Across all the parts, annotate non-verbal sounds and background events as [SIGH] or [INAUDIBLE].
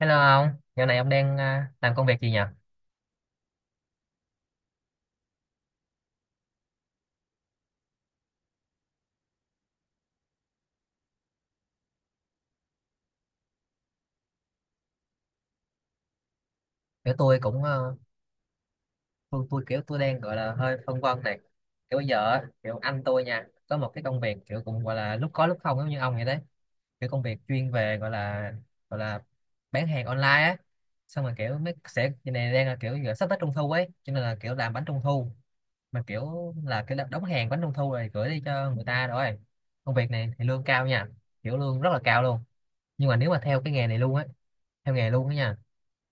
Hello ông, dạo này ông đang làm công việc gì nhỉ? Kiểu tôi cũng tôi kiểu tôi đang gọi là hơi phân vân này. Kiểu bây giờ á, kiểu anh tôi nha, có một cái công việc kiểu cũng gọi là lúc có lúc không giống như ông vậy đấy. Kiểu công việc chuyên về gọi là bán hàng online á. Xong rồi kiểu mấy sẽ cái này đang là kiểu giờ sắp tới trung thu ấy, cho nên là kiểu làm bánh trung thu mà kiểu là cái đóng hàng bánh trung thu rồi gửi đi cho người ta rồi. Công việc này thì lương cao nha, kiểu lương rất là cao luôn. Nhưng mà nếu mà theo cái nghề này luôn á, theo nghề luôn á nha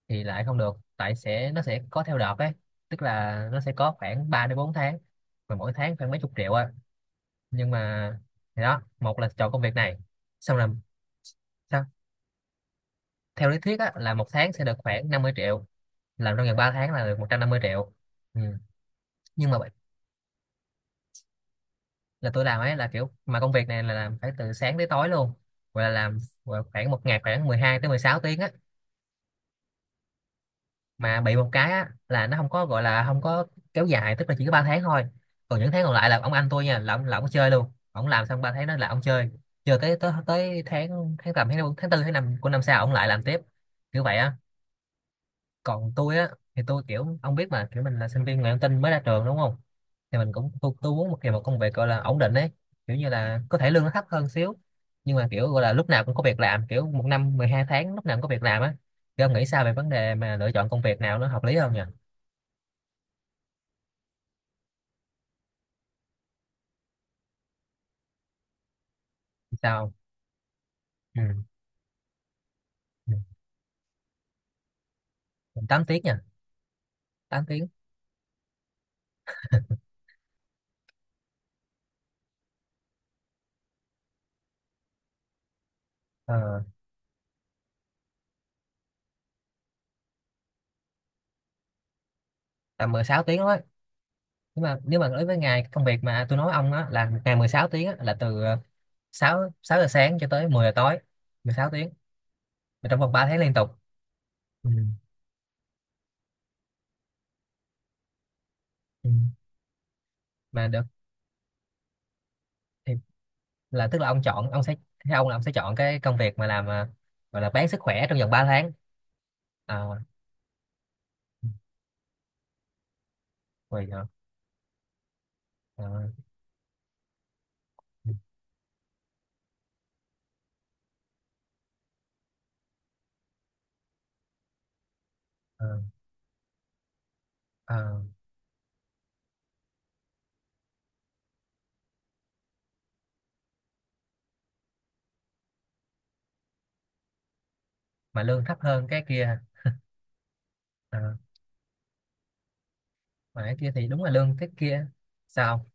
thì lại không được, tại sẽ nó sẽ có theo đợt ấy, tức là nó sẽ có khoảng 3 đến 4 tháng mà mỗi tháng khoảng mấy chục triệu á, nhưng mà thì đó, một là chọn công việc này, xong là sao, theo lý thuyết á là một tháng sẽ được khoảng 50 triệu, làm trong vòng 3 tháng là được một trăm năm mươi triệu. Ừ. Nhưng mà là tôi làm ấy, là kiểu mà công việc này là làm phải từ sáng tới tối luôn, gọi là làm, gọi là khoảng một ngày khoảng 12 tới 16 tiếng á, mà bị một cái á, là nó không có gọi là không có kéo dài, tức là chỉ có 3 tháng thôi, còn những tháng còn lại là ông anh tôi nha, là ông chơi luôn, ông làm xong 3 tháng đó là ông chơi, chơi tới tới, tới tháng tháng tầm tháng tư tháng năm của năm sau ông lại làm tiếp, kiểu vậy á. Còn tôi á thì tôi kiểu ông biết mà, kiểu mình là sinh viên ngoại thông tin mới ra trường đúng không, thì mình cũng tôi muốn một kiểu một công việc gọi là ổn định ấy, kiểu như là có thể lương nó thấp hơn xíu nhưng mà kiểu gọi là lúc nào cũng có việc làm, kiểu một năm 12 tháng lúc nào cũng có việc làm á. Thì ông nghĩ sao về vấn đề mà lựa chọn công việc nào nó hợp lý hơn nhỉ? Sao? Ừ. Ừ. 8 tiếng nha. Tám tiếng. ờ, Tầm mười sáu tiếng đó. Nhưng mà nếu mà đối với ngày công việc mà tôi nói ông á là một ngày 16 tiếng á, là từ 6 giờ sáng cho tới 10 giờ tối, 16 tiếng, mà trong vòng 3 tháng liên tục. Ừ. Ừ. Mà được thì là, tức là ông chọn, ông sẽ, theo ông là ông sẽ chọn cái công việc mà làm, gọi là bán sức khỏe trong vòng ba tháng. À, vậy hả? Ờ. Ừ. Ờ. Ờ. Mà lương thấp hơn cái kia. Ờ, mà cái kia thì đúng là lương cái kia. Sao?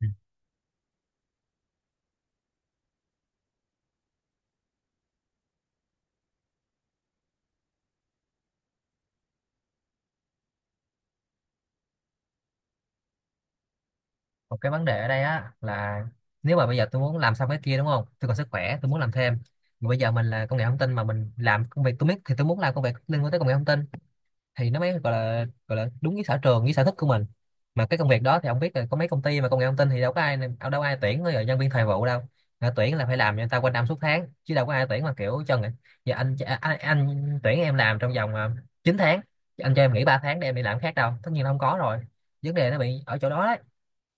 Ừ. Một cái vấn đề ở đây á là nếu mà bây giờ tôi muốn làm xong cái kia đúng không, tôi còn sức khỏe tôi muốn làm thêm, mà bây giờ mình là công nghệ thông tin, mà mình làm công việc tôi biết thì tôi muốn làm công việc liên quan tới công nghệ thông tin thì nó mới gọi là đúng với sở trường với sở thích của mình. Mà cái công việc đó thì ông biết là có mấy công ty mà công nghệ thông tin thì đâu có ai, đâu có ai tuyển rồi nhân viên thời vụ đâu. Người ta tuyển là phải làm cho người ta quanh năm suốt tháng chứ đâu có ai tuyển mà kiểu cho người giờ anh tuyển em làm trong vòng 9 tháng, anh cho em nghỉ 3 tháng để em đi làm khác, đâu, tất nhiên là không có rồi. Vấn đề nó bị ở chỗ đó.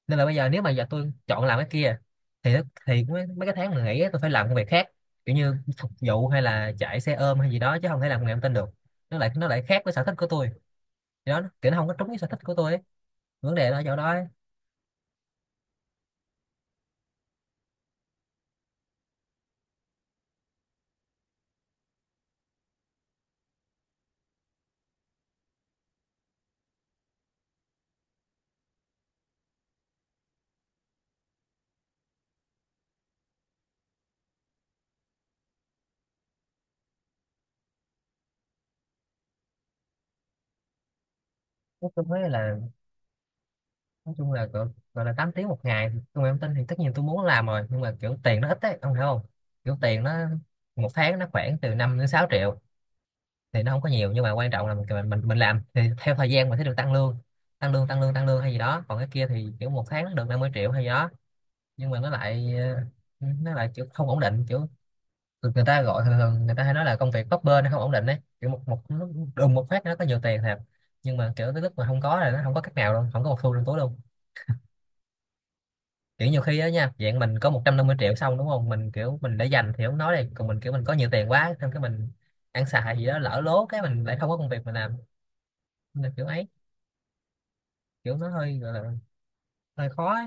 Nên là bây giờ nếu mà giờ tôi chọn làm cái kia thì thì mấy cái tháng mà nghỉ á, tôi phải làm công việc khác, kiểu như phục vụ hay là chạy xe ôm hay gì đó, chứ không thể làm nghề thông tin được, nó lại khác với sở thích của tôi. Thì đó, kiểu nó không có trúng với sở thích của tôi ấy. Vấn đề là ở chỗ đó ấy. Nói chung thấy là nói chung là gọi là 8 tiếng một ngày công nghệ thông tin thì tất nhiên tôi muốn làm rồi, nhưng mà kiểu tiền nó ít ấy, ông hiểu không? Kiểu tiền nó một tháng nó khoảng từ 5 đến 6 triệu, thì nó không có nhiều, nhưng mà quan trọng là mình mình làm thì theo thời gian mình sẽ được tăng lương, tăng lương tăng lương hay gì đó. Còn cái kia thì kiểu một tháng nó được 50 triệu hay gì đó, nhưng mà nó lại nó lại kiểu không ổn định, kiểu người người ta gọi thường thường người ta hay nói là công việc bấp bênh, nó không ổn định đấy, kiểu một một nó đùng một phát nó có nhiều tiền thật, nhưng mà kiểu tới lúc mà không có là nó không có cách nào luôn, không có một xu trong túi luôn. Kiểu nhiều khi á nha dạng mình có 150 triệu xong đúng không, mình kiểu mình để dành thì không nói, đây còn mình kiểu mình có nhiều tiền quá, xong cái mình ăn xài gì đó lỡ lố, cái mình lại không có công việc mình làm, nên là kiểu ấy, kiểu nó hơi gọi là hơi khó ấy.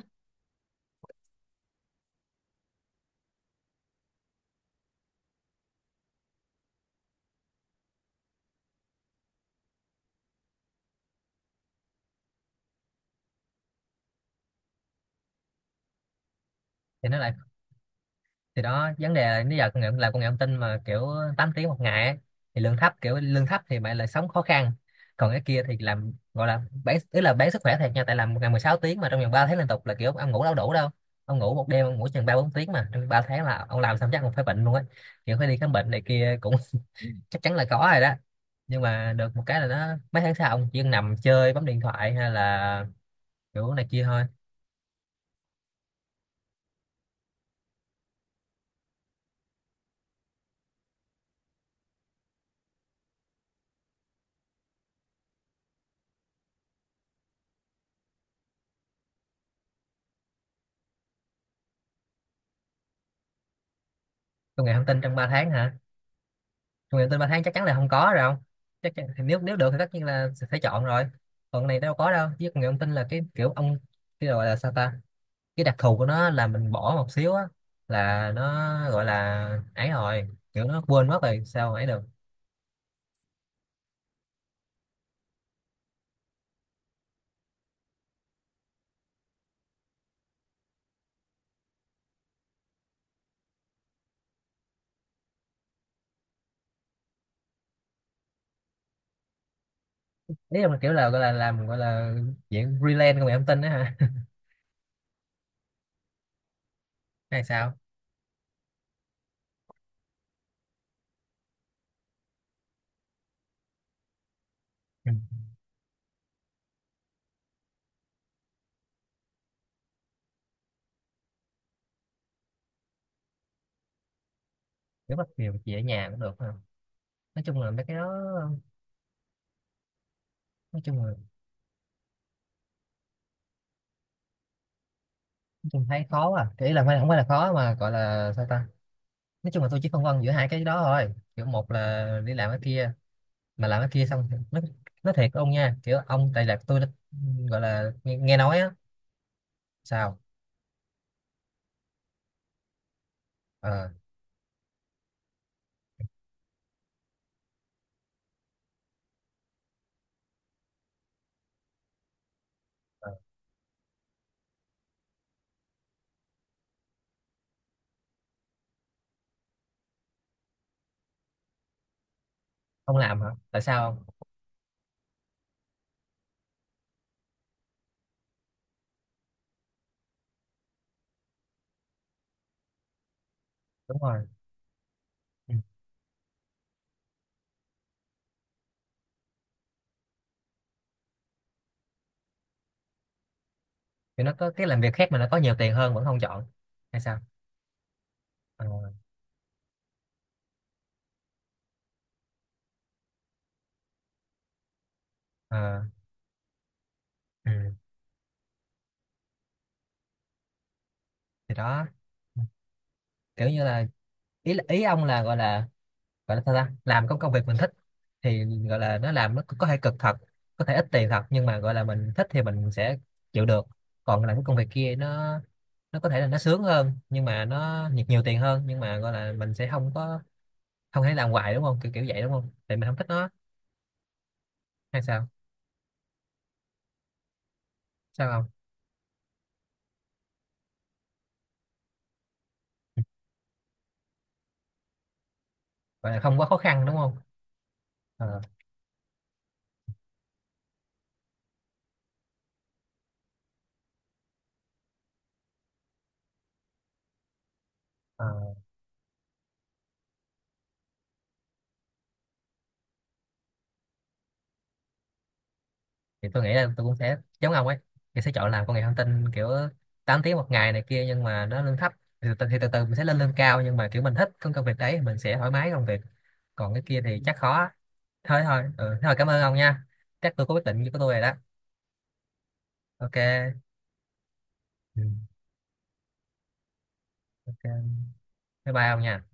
Thì nó lại thì đó vấn đề là nếu giờ công nghệ làm công nghệ thông tin mà kiểu 8 tiếng một ngày ấy, thì lương thấp, kiểu lương thấp thì bạn lại sống khó khăn, còn cái kia thì làm gọi là bán, tức là bán sức khỏe thiệt nha, tại làm một ngày 16 tiếng mà trong vòng 3 tháng liên tục là kiểu ông ngủ đâu đủ đâu. Ông ngủ một đêm ông ngủ chừng ba bốn tiếng mà trong 3 tháng là ông làm xong chắc ông phải bệnh luôn á, kiểu phải đi khám bệnh này kia cũng [LAUGHS] chắc chắn là có rồi đó. Nhưng mà được một cái là nó mấy tháng sau ông chỉ nằm chơi bấm điện thoại hay là kiểu này kia thôi. Công nghệ thông tin trong 3 tháng hả? Người tự tin ba tháng chắc chắn là không có rồi, không, chắc chắn, thì nếu nếu được thì tất nhiên là sẽ phải chọn rồi. Còn cái này đâu có đâu, chứ người ông tin là cái kiểu ông, cái gọi là sao ta, cái đặc thù của nó là mình bỏ một xíu á là nó gọi là ấy rồi kiểu nó quên mất rồi sao mà ấy được. Ý là kiểu là gọi là làm gọi là dạng freelance của người ông tin đó hả? [LAUGHS] Hay sao? Ừ. Kiểu bắt việc gì ở nhà cũng được không? Nói chung là mấy cái đó, nói chung là nói chung thấy khó à, cái ý là không phải là khó mà gọi là sao ta. Nói chung là tôi chỉ phân vân giữa hai cái đó thôi, kiểu một là đi làm cái kia, mà làm cái kia xong nó thiệt ông nha kiểu ông tại là tôi đã, gọi là nghe nói á. Sao? Ờ. Ờ, không làm hả, tại sao không? Đúng rồi. Ừ. Kiểu nó có cái làm việc khác mà nó có nhiều tiền hơn vẫn không chọn hay sao? Ờ. Ờ. Ừ. Thì đó. Kiểu như là ý ý ông là gọi là gọi là sao ta, làm có công việc mình thích thì gọi là nó làm nó có thể cực thật, có thể ít tiền thật nhưng mà gọi là mình thích thì mình sẽ chịu được. Còn làm cái công việc kia nó có thể là nó sướng hơn nhưng mà nó nhiều nhiều tiền hơn, nhưng mà gọi là mình sẽ không có, không thể làm hoài đúng không, kiểu kiểu vậy đúng không, tại mình không thích nó hay sao? Sao không? Gọi là không quá khó khăn đúng không? Ờ. Ờ. Thì tôi nghĩ là tôi cũng sẽ giống ông ấy, thì sẽ chọn làm công nghệ thông tin kiểu 8 tiếng một ngày này kia nhưng mà nó lương thấp, thì từ từ mình sẽ lên lương cao, nhưng mà kiểu mình thích công công việc đấy mình sẽ thoải mái công việc, còn cái kia thì chắc khó. Thôi thôi ừ, thôi cảm ơn ông nha. Chắc tôi có quyết định của tôi rồi đó. Ok. Ừ. Ok. Bye bye ông nha.